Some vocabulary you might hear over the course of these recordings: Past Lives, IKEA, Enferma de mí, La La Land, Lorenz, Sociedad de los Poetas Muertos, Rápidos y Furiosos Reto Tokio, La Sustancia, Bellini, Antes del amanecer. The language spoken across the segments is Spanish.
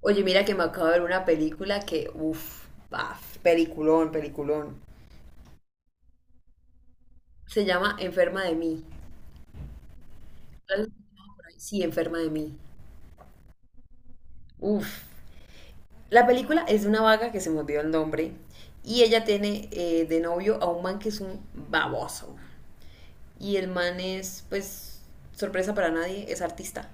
Oye, mira que me acabo de ver una película que, peliculón, peliculón. Se llama Enferma de mí. ¿La por ahí? Sí, Enferma de mí. Uf. La película es de una vaga que se me olvidó el nombre y ella tiene de novio a un man que es un baboso. Y el man es, pues, sorpresa para nadie, es artista,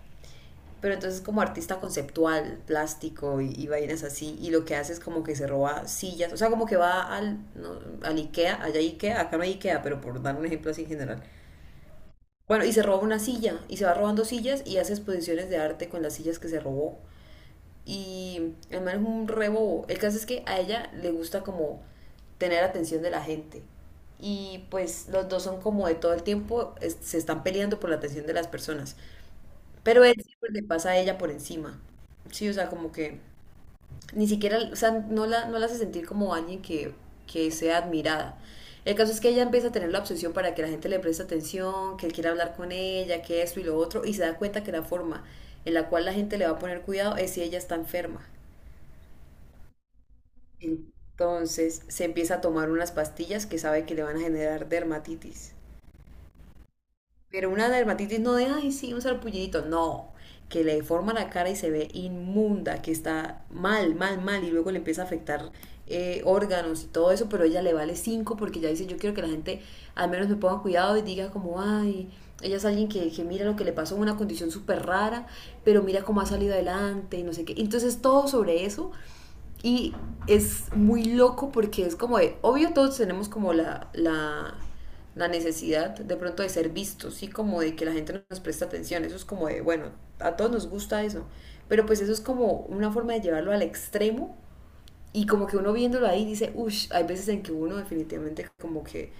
pero entonces como artista conceptual, plástico y vainas así, y lo que hace es como que se roba sillas, o sea, como que va al, no, al Ikea, allá hay Ikea, acá no hay Ikea, pero por dar un ejemplo así en general. Bueno, y se roba una silla, y se va robando sillas y hace exposiciones de arte con las sillas que se robó. Y el man es un rebobo. El caso es que a ella le gusta como tener atención de la gente. Y pues los dos son como de todo el tiempo, se están peleando por la atención de las personas. Pero él siempre le pasa a ella por encima. Sí, o sea, como que ni siquiera, o sea, no la hace sentir como alguien que sea admirada. El caso es que ella empieza a tener la obsesión para que la gente le preste atención, que él quiera hablar con ella, que esto y lo otro, y se da cuenta que la forma en la cual la gente le va a poner cuidado es si ella está enferma. Entonces se empieza a tomar unas pastillas que sabe que le van a generar dermatitis. Pero una dermatitis no de, ay, sí, un sarpullidito. No, que le deforma la cara y se ve inmunda, que está mal, mal, mal, y luego le empieza a afectar órganos y todo eso, pero ella le vale cinco porque ya dice, yo quiero que la gente al menos me ponga cuidado y diga como, ay, ella es alguien que mira lo que le pasó, una condición súper rara, pero mira cómo ha salido adelante y no sé qué. Entonces todo sobre eso y es muy loco porque es como de, obvio todos tenemos como la necesidad de pronto de ser vistos, sí, como de que la gente nos presta atención, eso es como de, bueno, a todos nos gusta eso, pero pues eso es como una forma de llevarlo al extremo y como que uno viéndolo ahí dice, hay veces en que uno definitivamente como que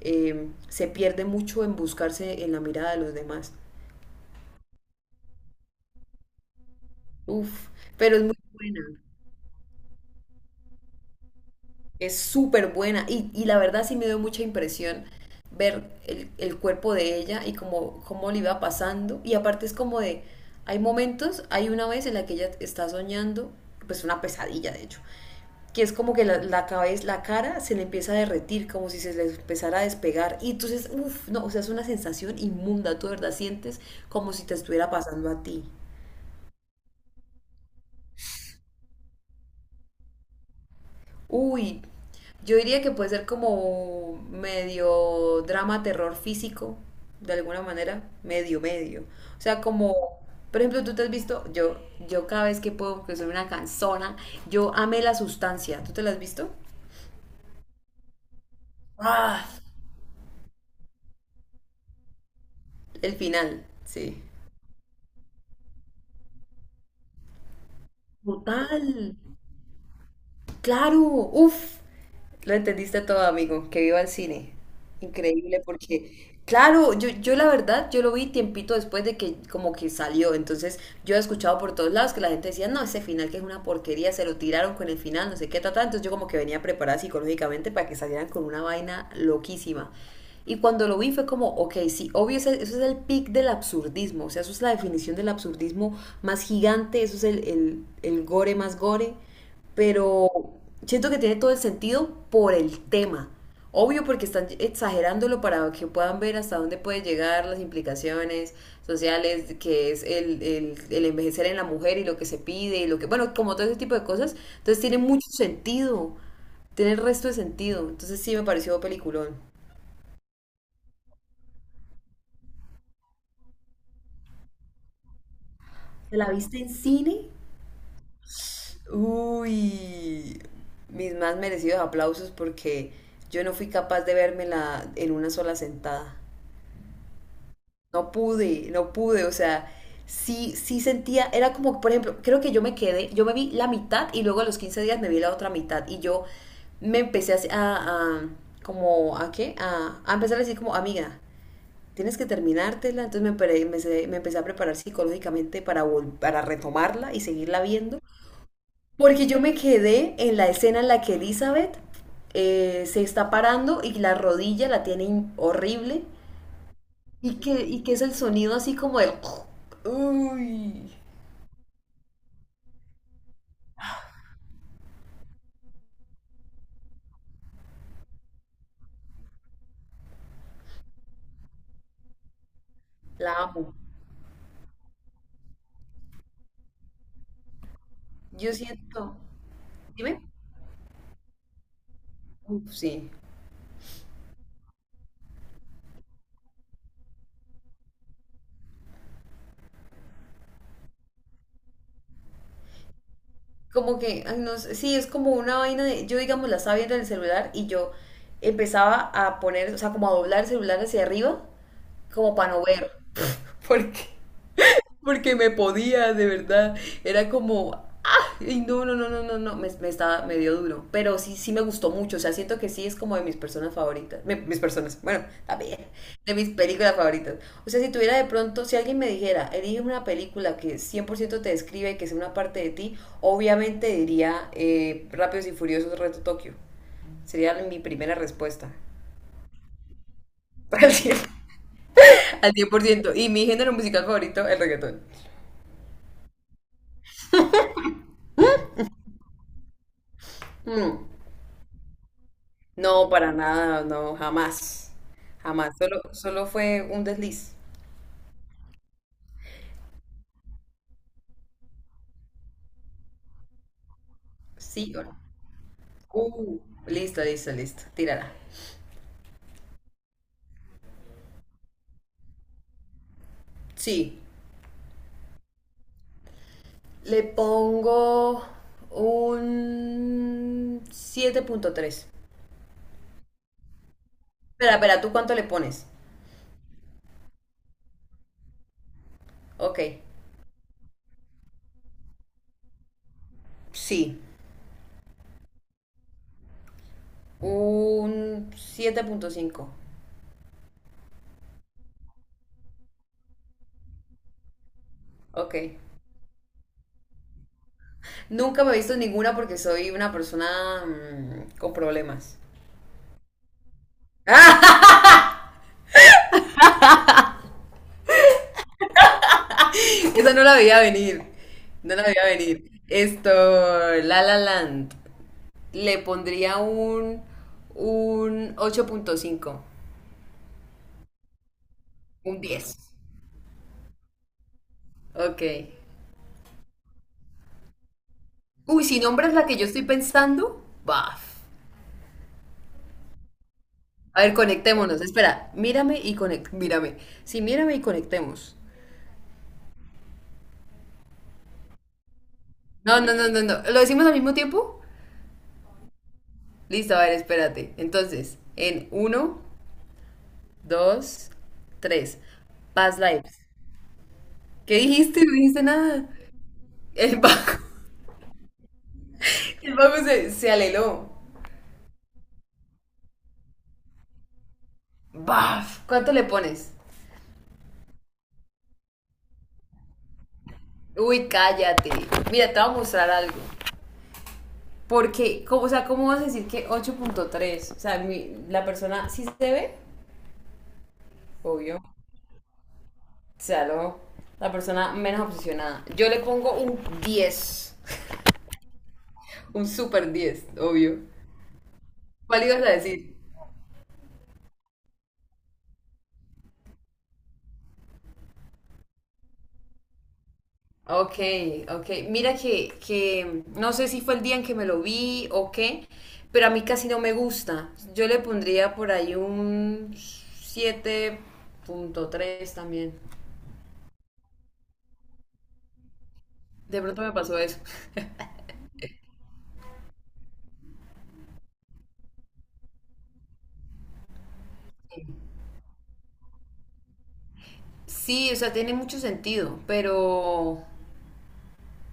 se pierde mucho en buscarse en la mirada de los demás, uff, pero es muy buena. Es súper buena y la verdad sí me dio mucha impresión ver el cuerpo de ella y cómo, cómo le iba pasando. Y aparte es como de, hay momentos, hay una vez en la que ella está soñando, pues una pesadilla de hecho, que es como que la cabeza, la cara se le empieza a derretir, como si se le empezara a despegar. Y entonces, no, o sea, es una sensación inmunda, tú de verdad sientes como si te estuviera pasando a ti. Uy, yo diría que puede ser como medio drama, terror físico, de alguna manera, medio, medio. O sea, como, por ejemplo, tú te has visto, yo cada vez que puedo, que soy una canzona, yo amé La Sustancia. ¿Tú te la has visto? Ah, el final, sí. Total. Claro, lo entendiste todo, amigo, que viva el cine. Increíble porque, claro, yo la verdad, yo lo vi tiempito después de que como que salió, entonces yo he escuchado por todos lados que la gente decía, no, ese final que es una porquería, se lo tiraron con el final, no sé qué, tal, entonces yo como que venía preparada psicológicamente para que salieran con una vaina loquísima. Y cuando lo vi fue como, ok, sí, obvio, eso es el pic del absurdismo, o sea, eso es la definición del absurdismo más gigante, eso es el gore más gore, pero siento que tiene todo el sentido por el tema. Obvio porque están exagerándolo para que puedan ver hasta dónde pueden llegar las implicaciones sociales, que es el envejecer en la mujer y lo que se pide y lo que, bueno, como todo ese tipo de cosas. Entonces tiene mucho sentido, tiene el resto de sentido. Entonces sí me pareció peliculón. ¿Te la viste en cine? Uy, mis más merecidos aplausos porque yo no fui capaz de vérmela en una sola sentada. No pude, no pude, o sea, sí sentía, era como, por ejemplo, creo que yo me quedé, yo me vi la mitad y luego a los 15 días me vi la otra mitad y yo me empecé como, ¿a qué? A empezar a decir como, amiga, tienes que terminártela, entonces me empecé a preparar psicológicamente para, para retomarla y seguirla viendo, porque yo me quedé en la escena en la que Elizabeth se está parando y la rodilla la tiene horrible. Y qué es el sonido así como el... Uy, la amo. Yo siento... Dime. Uf, sí. Como que, ay, no sé, sí, es como una vaina de... Yo, digamos, la estaba viendo en el celular y yo empezaba a poner, o sea, como a doblar el celular hacia arriba, como para no ver. Porque porque me podía, de verdad. Era como, ah, y no, no, no, no, no, no, me estaba medio duro. Pero sí, sí me gustó mucho. O sea, siento que sí es como de mis personas favoritas. Mis personas, bueno, también, de mis películas favoritas. O sea, si tuviera de pronto, si alguien me dijera, elige una película que 100% te describe, que sea una parte de ti, obviamente diría Rápidos y Furiosos Reto Tokio. Sería mi primera respuesta. Al 100%. Al cien por ciento. Y mi género musical favorito, el reggaetón. Mm. No, para nada, no, jamás. Jamás. Solo, solo fue un desliz. Sí o no. Uh, listo, listo, listo. Tírala. Sí. Le pongo un siete punto tres. Espera, espera, ¿tú cuánto le pones? Ok. Sí. Un siete punto cinco. Ok. Nunca me he visto ninguna porque soy una persona mm, con problemas. Esa no la veía venir. No la veía venir. Esto, La La Land. Le pondría un ocho punto cinco. Un 10. Ok. Uy, si nombras la que yo estoy pensando, baf. A ver, conectémonos. Espera, mírame y conect. Mírame. Sí, mírame y conectemos. No, no, no, no, no. ¿Lo decimos al mismo tiempo? Listo, a ver, espérate. Entonces, en uno, 2, 3. Past Lives. ¿Qué dijiste? No dijiste nada. El Baco, el Baco se aleló. Baf. ¿Cuánto le pones? Uy, cállate. Mira, te voy a mostrar algo. Porque, como, o sea, ¿cómo vas a decir que ocho punto tres? O sea, la persona sí se ve, obvio. O sea, la persona menos obsesionada. Yo le pongo un diez. Un super 10, obvio. ¿Cuál ibas a decir? Ok, ok. Mira que no sé si fue el día en que me lo vi o qué, pero a mí casi no me gusta. Yo le pondría por ahí un siete punto tres también. De pronto me pasó eso. Sí, o sea, tiene mucho sentido, pero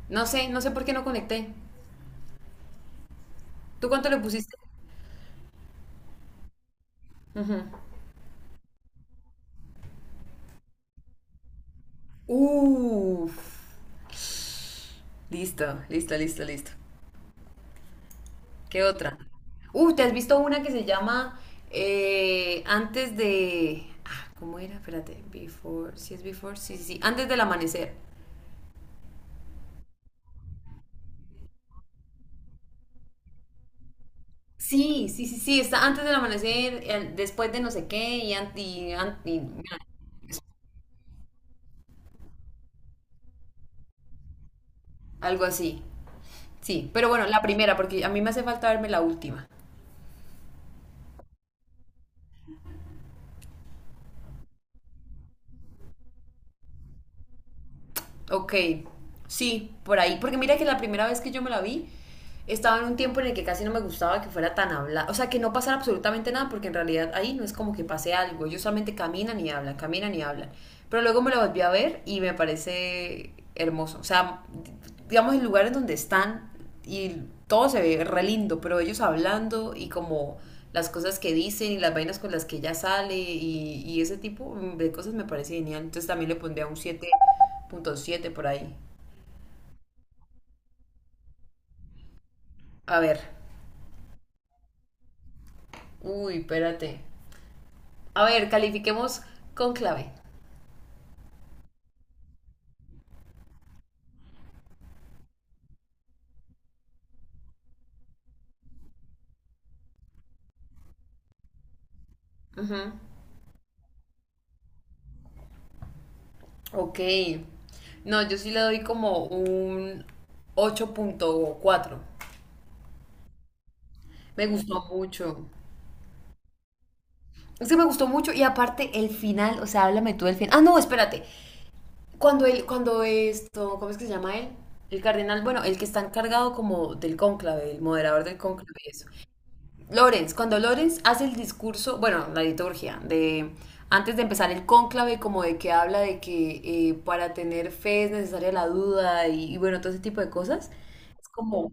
no sé, no sé por qué no conecté. ¿Tú cuánto le pusiste? Ujú. Uf, listo, listo, listo, listo. ¿Qué otra? ¿Te has visto una que se llama Antes de... Ah, ¿cómo era? Espérate, Before, ¿sí es Before? Sí, sí, sí, Antes del amanecer. Sí, sí, sí, sí, está Antes del amanecer, después de no sé qué algo así. Sí, pero bueno, la primera, porque a mí me hace falta verme la última. Ok, sí, por ahí. Porque mira que la primera vez que yo me la vi, estaba en un tiempo en el que casi no me gustaba que fuera tan hablada. O sea, que no pasara absolutamente nada, porque en realidad ahí no es como que pase algo. Ellos solamente caminan y hablan, caminan y hablan. Pero luego me la volví a ver y me parece hermoso. O sea, digamos, el lugar en donde están y todo se ve re lindo, pero ellos hablando y como las cosas que dicen y las vainas con las que ella sale y ese tipo de cosas me parece genial. Entonces también le pondría un siete punto siete por ahí. A ver, uy, espérate. A ver, califiquemos con clave. Ujú. Ok. No, yo sí le doy como un ocho punto cuatro. Me gustó mucho. Es que me gustó mucho y aparte el final, o sea, háblame tú del final. Ah, no, espérate. Cuando él, cuando esto, ¿cómo es que se llama él? El cardenal, bueno, el que está encargado como del cónclave, el moderador del cónclave y eso. Lorenz, cuando Lorenz hace el discurso, bueno, la liturgia, de antes de empezar el cónclave, como de que habla de que para tener fe es necesaria la duda y bueno, todo ese tipo de cosas. Es como,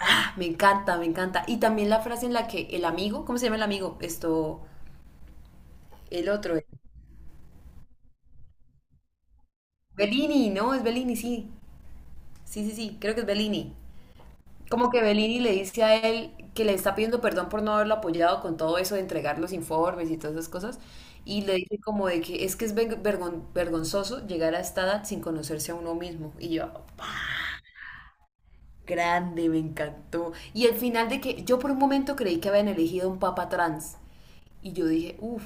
ah, me encanta, me encanta. Y también la frase en la que el amigo, ¿cómo se llama el amigo? Esto, el otro, Bellini, ¿no? Es Bellini, sí. Sí, sí, sí, creo que es Bellini. Como que Bellini le dice a él que le está pidiendo perdón por no haberlo apoyado con todo eso de entregar los informes y todas esas cosas. Y le dice como de que es vergonzoso llegar a esta edad sin conocerse a uno mismo. Y yo, "Pa, grande, me encantó. Y el final de que yo por un momento creí que habían elegido un papa trans. Y yo dije,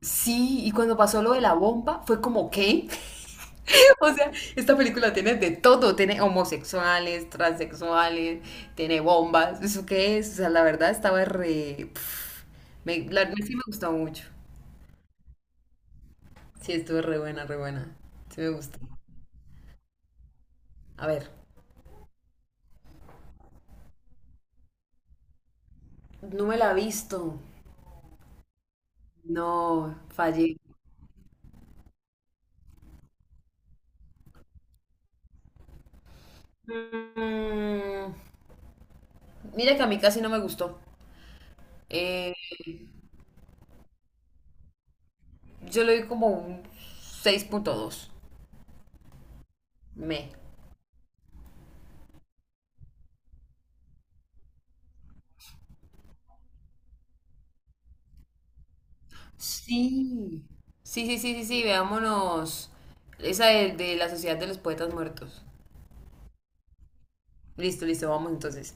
sí. Y cuando pasó lo de la bomba, fue como, ¿qué? O sea, esta película tiene de todo, tiene homosexuales, transexuales, tiene bombas, ¿eso qué es? O sea, la verdad estaba re... pf, sí me gustó mucho. Sí, estuvo re buena, re buena. Sí me gustó. A ver. No me la he visto. No, fallé. Mm, mira que a mí casi no me gustó. Eh, yo le doy como un seis punto dos. Me. Sí. Sí, sí, sí, sí, sí, veámonos. Esa de la Sociedad de los Poetas Muertos. Listo, listo, vamos entonces.